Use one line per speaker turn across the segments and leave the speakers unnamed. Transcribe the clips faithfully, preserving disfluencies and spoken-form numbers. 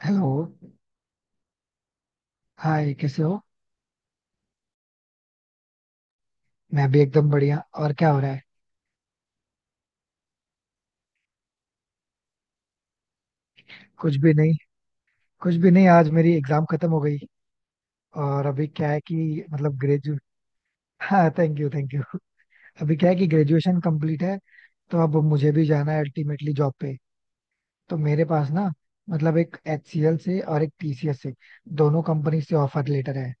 Hello. Hi, कैसे हो? मैं भी एकदम बढ़िया। और क्या हो रहा है? कुछ भी नहीं। कुछ भी नहीं, आज मेरी एग्जाम खत्म हो गई। और अभी क्या है कि मतलब ग्रेजु हाँ, थैंक यू, थैंक यू। अभी क्या है कि ग्रेजुएशन कंप्लीट है, तो अब मुझे भी जाना है अल्टीमेटली जॉब पे। तो मेरे पास ना, मतलब एक एचसीएल से और एक टीसीएस से, दोनों कंपनी से ऑफर लेटर है।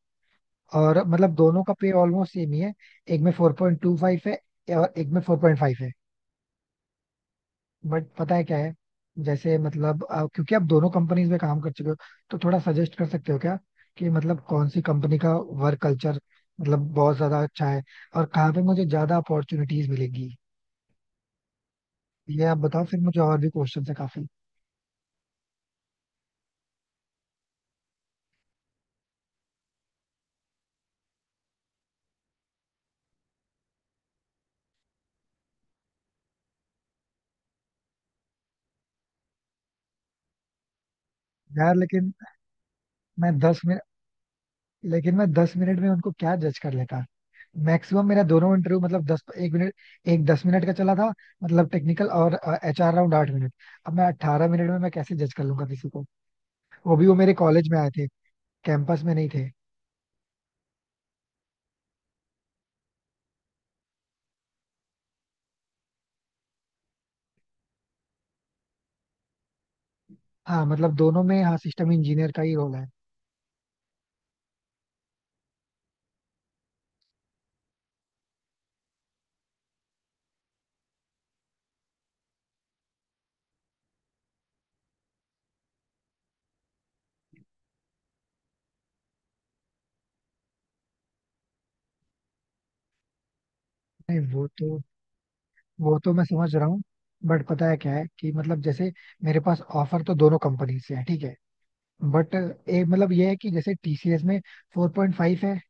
और मतलब दोनों का पे ऑलमोस्ट सेम ही है। एक में फोर पॉइंट टू फाइव है और एक में फोर पॉइंट फाइव है। बट पता है क्या है, जैसे मतलब अ, क्योंकि आप दोनों कंपनीज में काम कर चुके हो, तो थोड़ा सजेस्ट कर सकते हो क्या, कि मतलब कौन सी कंपनी का वर्क कल्चर मतलब बहुत ज्यादा अच्छा है, और कहाँ पे मुझे ज्यादा अपॉर्चुनिटीज मिलेंगी। ये आप बताओ, फिर मुझे और भी क्वेश्चन है काफी। यार, लेकिन मैं दस मिनट लेकिन मैं दस मिनट में उनको क्या जज कर लेता? मैक्सिमम मेरा दोनों इंटरव्यू मतलब दस एक मिनट एक दस मिनट का चला था, मतलब टेक्निकल, और एचआर राउंड आठ मिनट। अब मैं अट्ठारह मिनट में मैं कैसे जज कर लूंगा किसी को? वो भी वो मेरे कॉलेज में आए थे, कैंपस में नहीं थे। हाँ, मतलब दोनों में हाँ सिस्टम इंजीनियर का ही रोल है। नहीं, वो तो वो तो मैं समझ रहा हूँ। बट पता है क्या है कि मतलब जैसे मेरे पास ऑफर तो दोनों कंपनी से है, ठीक है, बट एक मतलब ये है कि जैसे टीसीएस में फोर पॉइंट फाइव है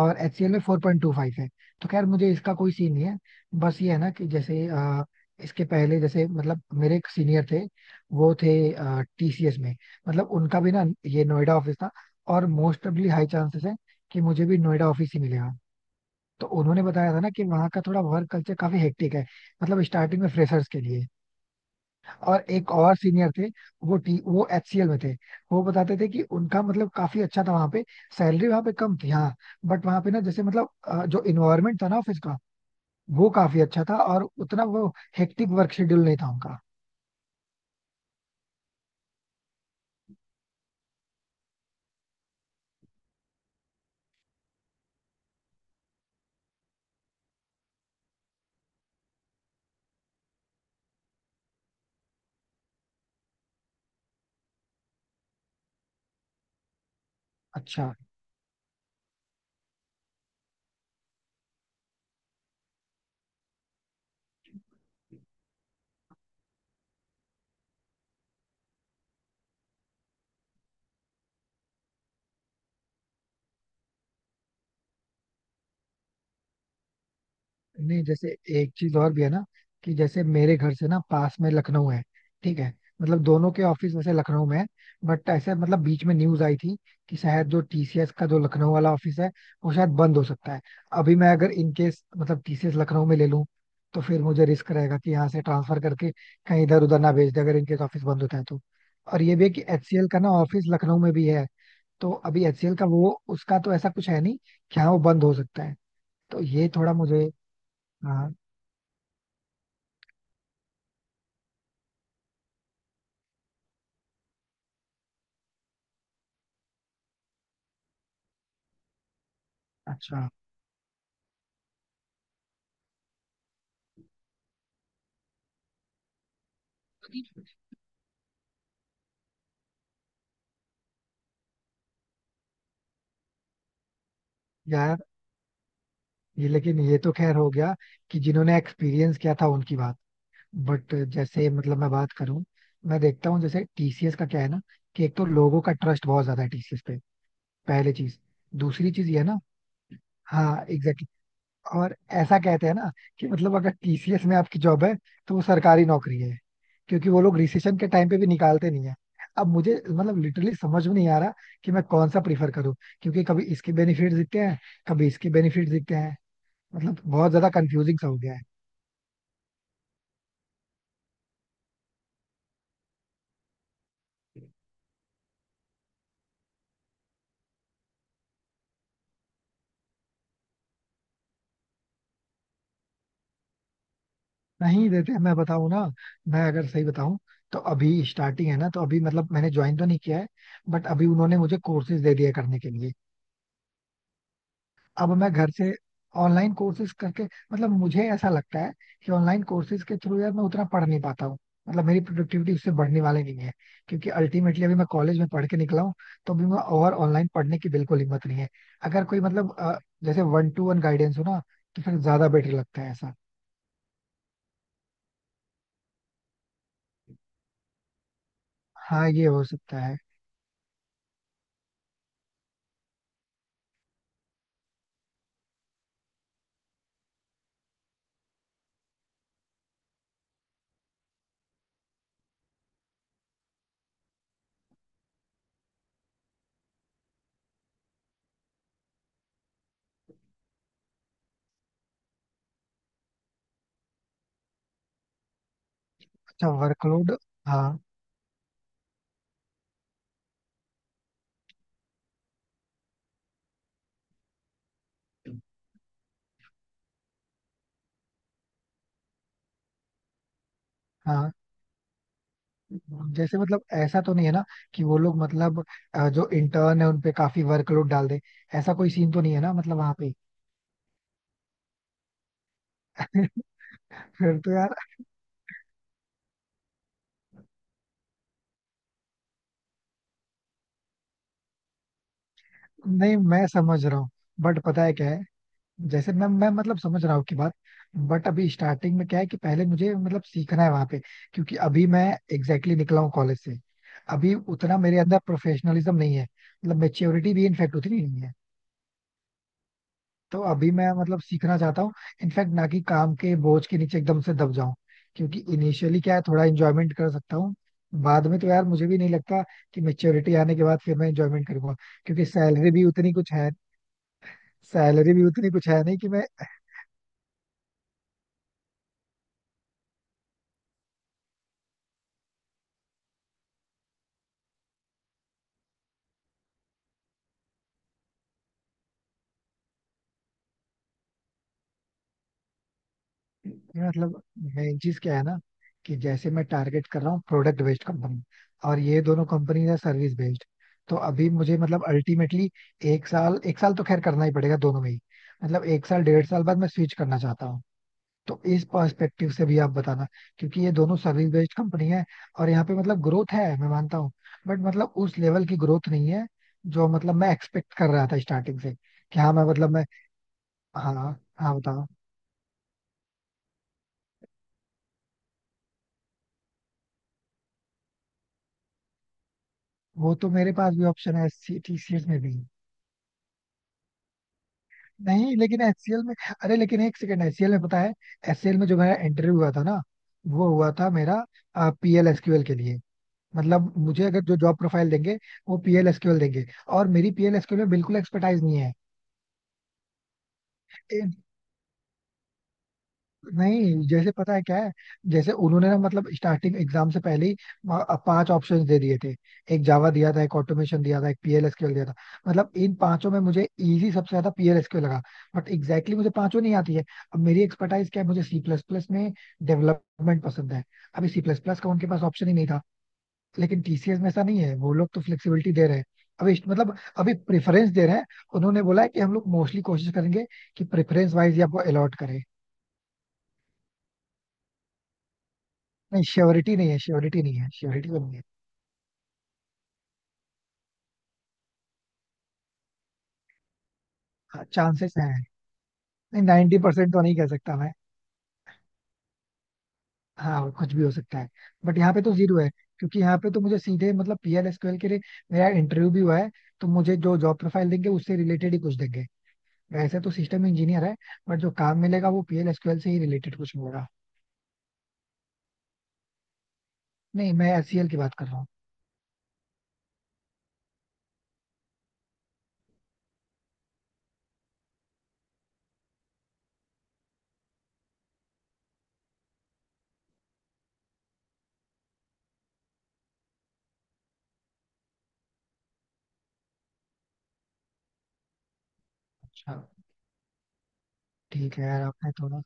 और एचसीएल में फोर पॉइंट टू फाइव है, तो खैर मुझे इसका कोई सीन नहीं है। बस ये है ना, कि जैसे अ, इसके पहले जैसे मतलब मेरे एक सीनियर थे, वो थे टीसीएस में। मतलब उनका भी ना ये नोएडा ऑफिस था, और मोस्ट प्रोबेबली हाई चांसेस है कि मुझे भी नोएडा ऑफिस ही मिलेगा। तो उन्होंने बताया था ना कि वहाँ का थोड़ा वर्क कल्चर काफी हेक्टिक है, मतलब स्टार्टिंग में फ्रेशर्स के लिए। और एक और सीनियर थे, वो टी वो एचसीएल में थे। वो बताते थे कि उनका मतलब काफी अच्छा था वहां पे, सैलरी वहां पे कम थी हाँ, बट वहां पे ना जैसे मतलब अ, जो इन्वायरमेंट था ना ऑफिस का, वो काफी अच्छा था, और उतना वो हेक्टिक वर्क शेड्यूल नहीं था उनका। अच्छा। नहीं जैसे एक चीज और भी है ना, कि जैसे मेरे घर से ना पास में लखनऊ है, ठीक है। मतलब दोनों के ऑफिस वैसे लखनऊ में है, बट ऐसे मतलब बीच में न्यूज आई थी कि शायद जो टीसीएस का जो लखनऊ वाला ऑफिस है, वो शायद बंद हो सकता है। अभी मैं अगर इन केस मतलब टीसीएस लखनऊ में ले लूं, तो फिर मुझे रिस्क रहेगा कि यहाँ से ट्रांसफर करके कहीं इधर उधर ना भेज दे, अगर इनकेस ऑफिस बंद होता है तो। और ये भी है कि एचसीएल का ना ऑफिस लखनऊ में भी है, तो अभी एचसीएल का वो, उसका तो ऐसा कुछ है नहीं कि हाँ वो बंद हो सकता है। तो ये थोड़ा मुझे, हाँ, अच्छा यार, ये लेकिन ये तो खैर हो गया, कि जिन्होंने एक्सपीरियंस किया था उनकी बात। बट जैसे मतलब मैं बात करूं, मैं देखता हूँ जैसे टीसीएस का क्या है ना, कि एक तो लोगों का ट्रस्ट बहुत ज्यादा है टीसीएस पे, पहली चीज। दूसरी चीज ये है ना, हाँ एग्जैक्टली, और ऐसा कहते हैं ना कि मतलब अगर टीसीएस में आपकी जॉब है, तो वो सरकारी नौकरी है, क्योंकि वो लोग रिसेशन के टाइम पे भी निकालते नहीं है। अब मुझे मतलब लिटरली समझ में नहीं आ रहा कि मैं कौन सा प्रीफर करूं, क्योंकि कभी इसके बेनिफिट दिखते हैं, कभी इसके बेनिफिट दिखते हैं। मतलब बहुत ज्यादा कंफ्यूजिंग सा हो गया है। नहीं देते, मैं बताऊं ना, मैं अगर सही बताऊं, तो अभी स्टार्टिंग है ना, तो अभी मतलब मैंने ज्वाइन तो नहीं किया है, बट अभी उन्होंने मुझे कोर्सेज दे दिए करने के लिए। अब मैं घर से ऑनलाइन कोर्सेज करके मतलब मुझे ऐसा लगता है कि ऑनलाइन कोर्सेज के थ्रू यार मैं उतना पढ़ नहीं पाता हूँ, मतलब मेरी प्रोडक्टिविटी उससे बढ़ने वाली नहीं है, क्योंकि अल्टीमेटली अभी मैं कॉलेज में पढ़ के निकला हूँ, तो अभी मैं और ऑनलाइन पढ़ने की बिल्कुल हिम्मत नहीं है। अगर कोई मतलब अ, जैसे वन टू वन गाइडेंस हो ना, तो फिर ज्यादा बेटर लगता है ऐसा। हाँ, ये हो सकता है। अच्छा वर्कलोड, हाँ। हाँ, जैसे मतलब ऐसा तो नहीं है ना, कि वो लोग मतलब अ, जो इंटर्न है उन पे काफी वर्कलोड डाल दे, ऐसा कोई सीन तो नहीं है ना मतलब वहां पे। फिर तो यार, नहीं मैं समझ रहा हूँ, बट पता है क्या है। जैसे मैं मैं मतलब समझ रहा हूँ की बात, बट अभी स्टार्टिंग में क्या है कि पहले मुझे मतलब सीखना है वहां पे, क्योंकि अभी मैं एग्जैक्टली exactly निकला हूँ कॉलेज से। अभी उतना मेरे अंदर प्रोफेशनलिज्म नहीं है, मतलब मेच्योरिटी भी इनफेक्ट उतनी नहीं है। तो अभी मैं मतलब सीखना चाहता हूँ, इनफैक्ट ना, कि काम के बोझ के नीचे एकदम से दब जाऊं, क्योंकि इनिशियली क्या है, थोड़ा एंजॉयमेंट कर सकता हूँ। बाद में तो यार मुझे भी नहीं लगता कि मेच्योरिटी आने के बाद फिर मैं एंजॉयमेंट करूंगा, क्योंकि सैलरी भी उतनी कुछ है सैलरी भी उतनी कुछ है नहीं कि मैं ये मतलब। मेन चीज क्या है ना, कि जैसे मैं टारगेट कर रहा हूँ प्रोडक्ट बेस्ड कंपनी, और ये दोनों कंपनी है सर्विस बेस्ड। तो अभी मुझे मतलब अल्टीमेटली एक साल एक साल तो खैर करना ही पड़ेगा दोनों में ही। मतलब एक साल डेढ़ साल बाद मैं स्विच करना चाहता हूँ, तो इस पर्सपेक्टिव से भी आप बताना, क्योंकि ये दोनों सर्विस बेस्ड कंपनी है, और यहाँ पे मतलब ग्रोथ है मैं मानता हूँ, बट मतलब उस लेवल की ग्रोथ नहीं है, जो मतलब मैं एक्सपेक्ट कर रहा था स्टार्टिंग से, कि हाँ मैं मतलब मैं, हाँ, हाँ बताओ। वो तो मेरे पास भी ऑप्शन है एससीटीसीएस में भी। नहीं लेकिन एचसीएल में, अरे लेकिन एक सेकंड, एचसीएल में पता है, एचसीएल में जो मेरा इंटरव्यू हुआ था ना, वो हुआ था मेरा पीएलएसक्यूएल के लिए, मतलब मुझे अगर जो जॉब प्रोफाइल देंगे वो पीएलएसक्यूएल देंगे, और मेरी पीएलएसक्यूएल में बिल्कुल एक्सपर्टाइज नहीं है। नहीं जैसे पता है क्या है, जैसे उन्होंने ना मतलब स्टार्टिंग एग्जाम से पहले ही वहाँ पांच ऑप्शंस दे दिए थे, एक जावा दिया था, एक ऑटोमेशन दिया था, एक पीएलएसक्यूएल दिया था। मतलब इन पांचों में मुझे इजी सबसे ज्यादा पीएलएसक्यूएल लगा, बट एग्जैक्टली मुझे पांचों नहीं आती है। अब मेरी एक्सपर्टाइज क्या है, मुझे सी प्लस प्लस में डेवलपमेंट पसंद है, अभी सी प्लस प्लस का उनके पास ऑप्शन ही नहीं था। लेकिन टीसीएस में ऐसा नहीं है, वो लोग तो फ्लेक्सिबिलिटी दे रहे हैं। अभी इस- मतलब अभी प्रेफरेंस दे रहे हैं, उन्होंने बोला है कि हम लोग मोस्टली कोशिश करेंगे कि प्रेफरेंस वाइज ही आपको अलॉट करें। नहीं, श्योरिटी नहीं है, श्योरिटी नहीं है श्योरिटी तो नहीं है। हाँ चांसेस हैं। नहीं, नाइन्टी परसेंट तो नहीं कह सकता मैं, हाँ कुछ भी हो सकता है। बट यहाँ पे तो जीरो है, क्योंकि यहाँ पे तो मुझे सीधे मतलब पीएल एसक्यूएल के लिए मेरा इंटरव्यू भी हुआ है, तो मुझे जो जॉब प्रोफाइल देंगे उससे रिलेटेड ही कुछ देंगे। वैसे तो सिस्टम इंजीनियर है, बट जो काम मिलेगा वो पीएल एसक्यूएल से ही रिलेटेड कुछ मिलेगा। नहीं मैं एचसीएल की बात कर रहा हूँ। अच्छा, ठीक है यार, आपने थोड़ा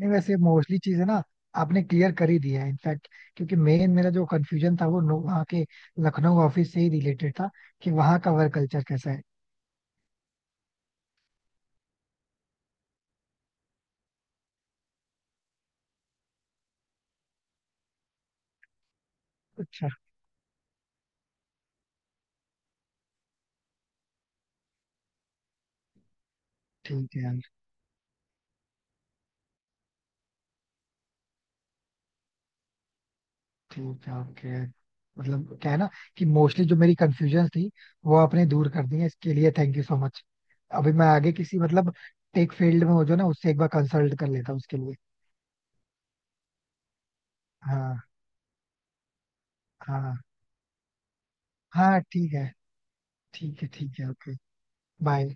नहीं वैसे मोस्टली चीजें ना आपने क्लियर कर ही दिया है इनफैक्ट, क्योंकि मेन मेरा जो कंफ्यूजन था वो नो- वहाँ के लखनऊ ऑफिस से ही रिलेटेड था, कि वहाँ का वर्क कल्चर कैसा है। अच्छा, ठीक है यार, ठीक है ओके। मतलब क्या है ना, कि मोस्टली जो मेरी कंफ्यूजन थी वो आपने दूर कर दी है, इसके लिए थैंक यू सो मच। अभी मैं आगे किसी मतलब टेक फील्ड में हो जो ना, उससे एक बार कंसल्ट कर लेता हूँ उसके लिए। हाँ, हाँ, हाँ, ठीक है, ठीक है, ठीक है ओके बाय।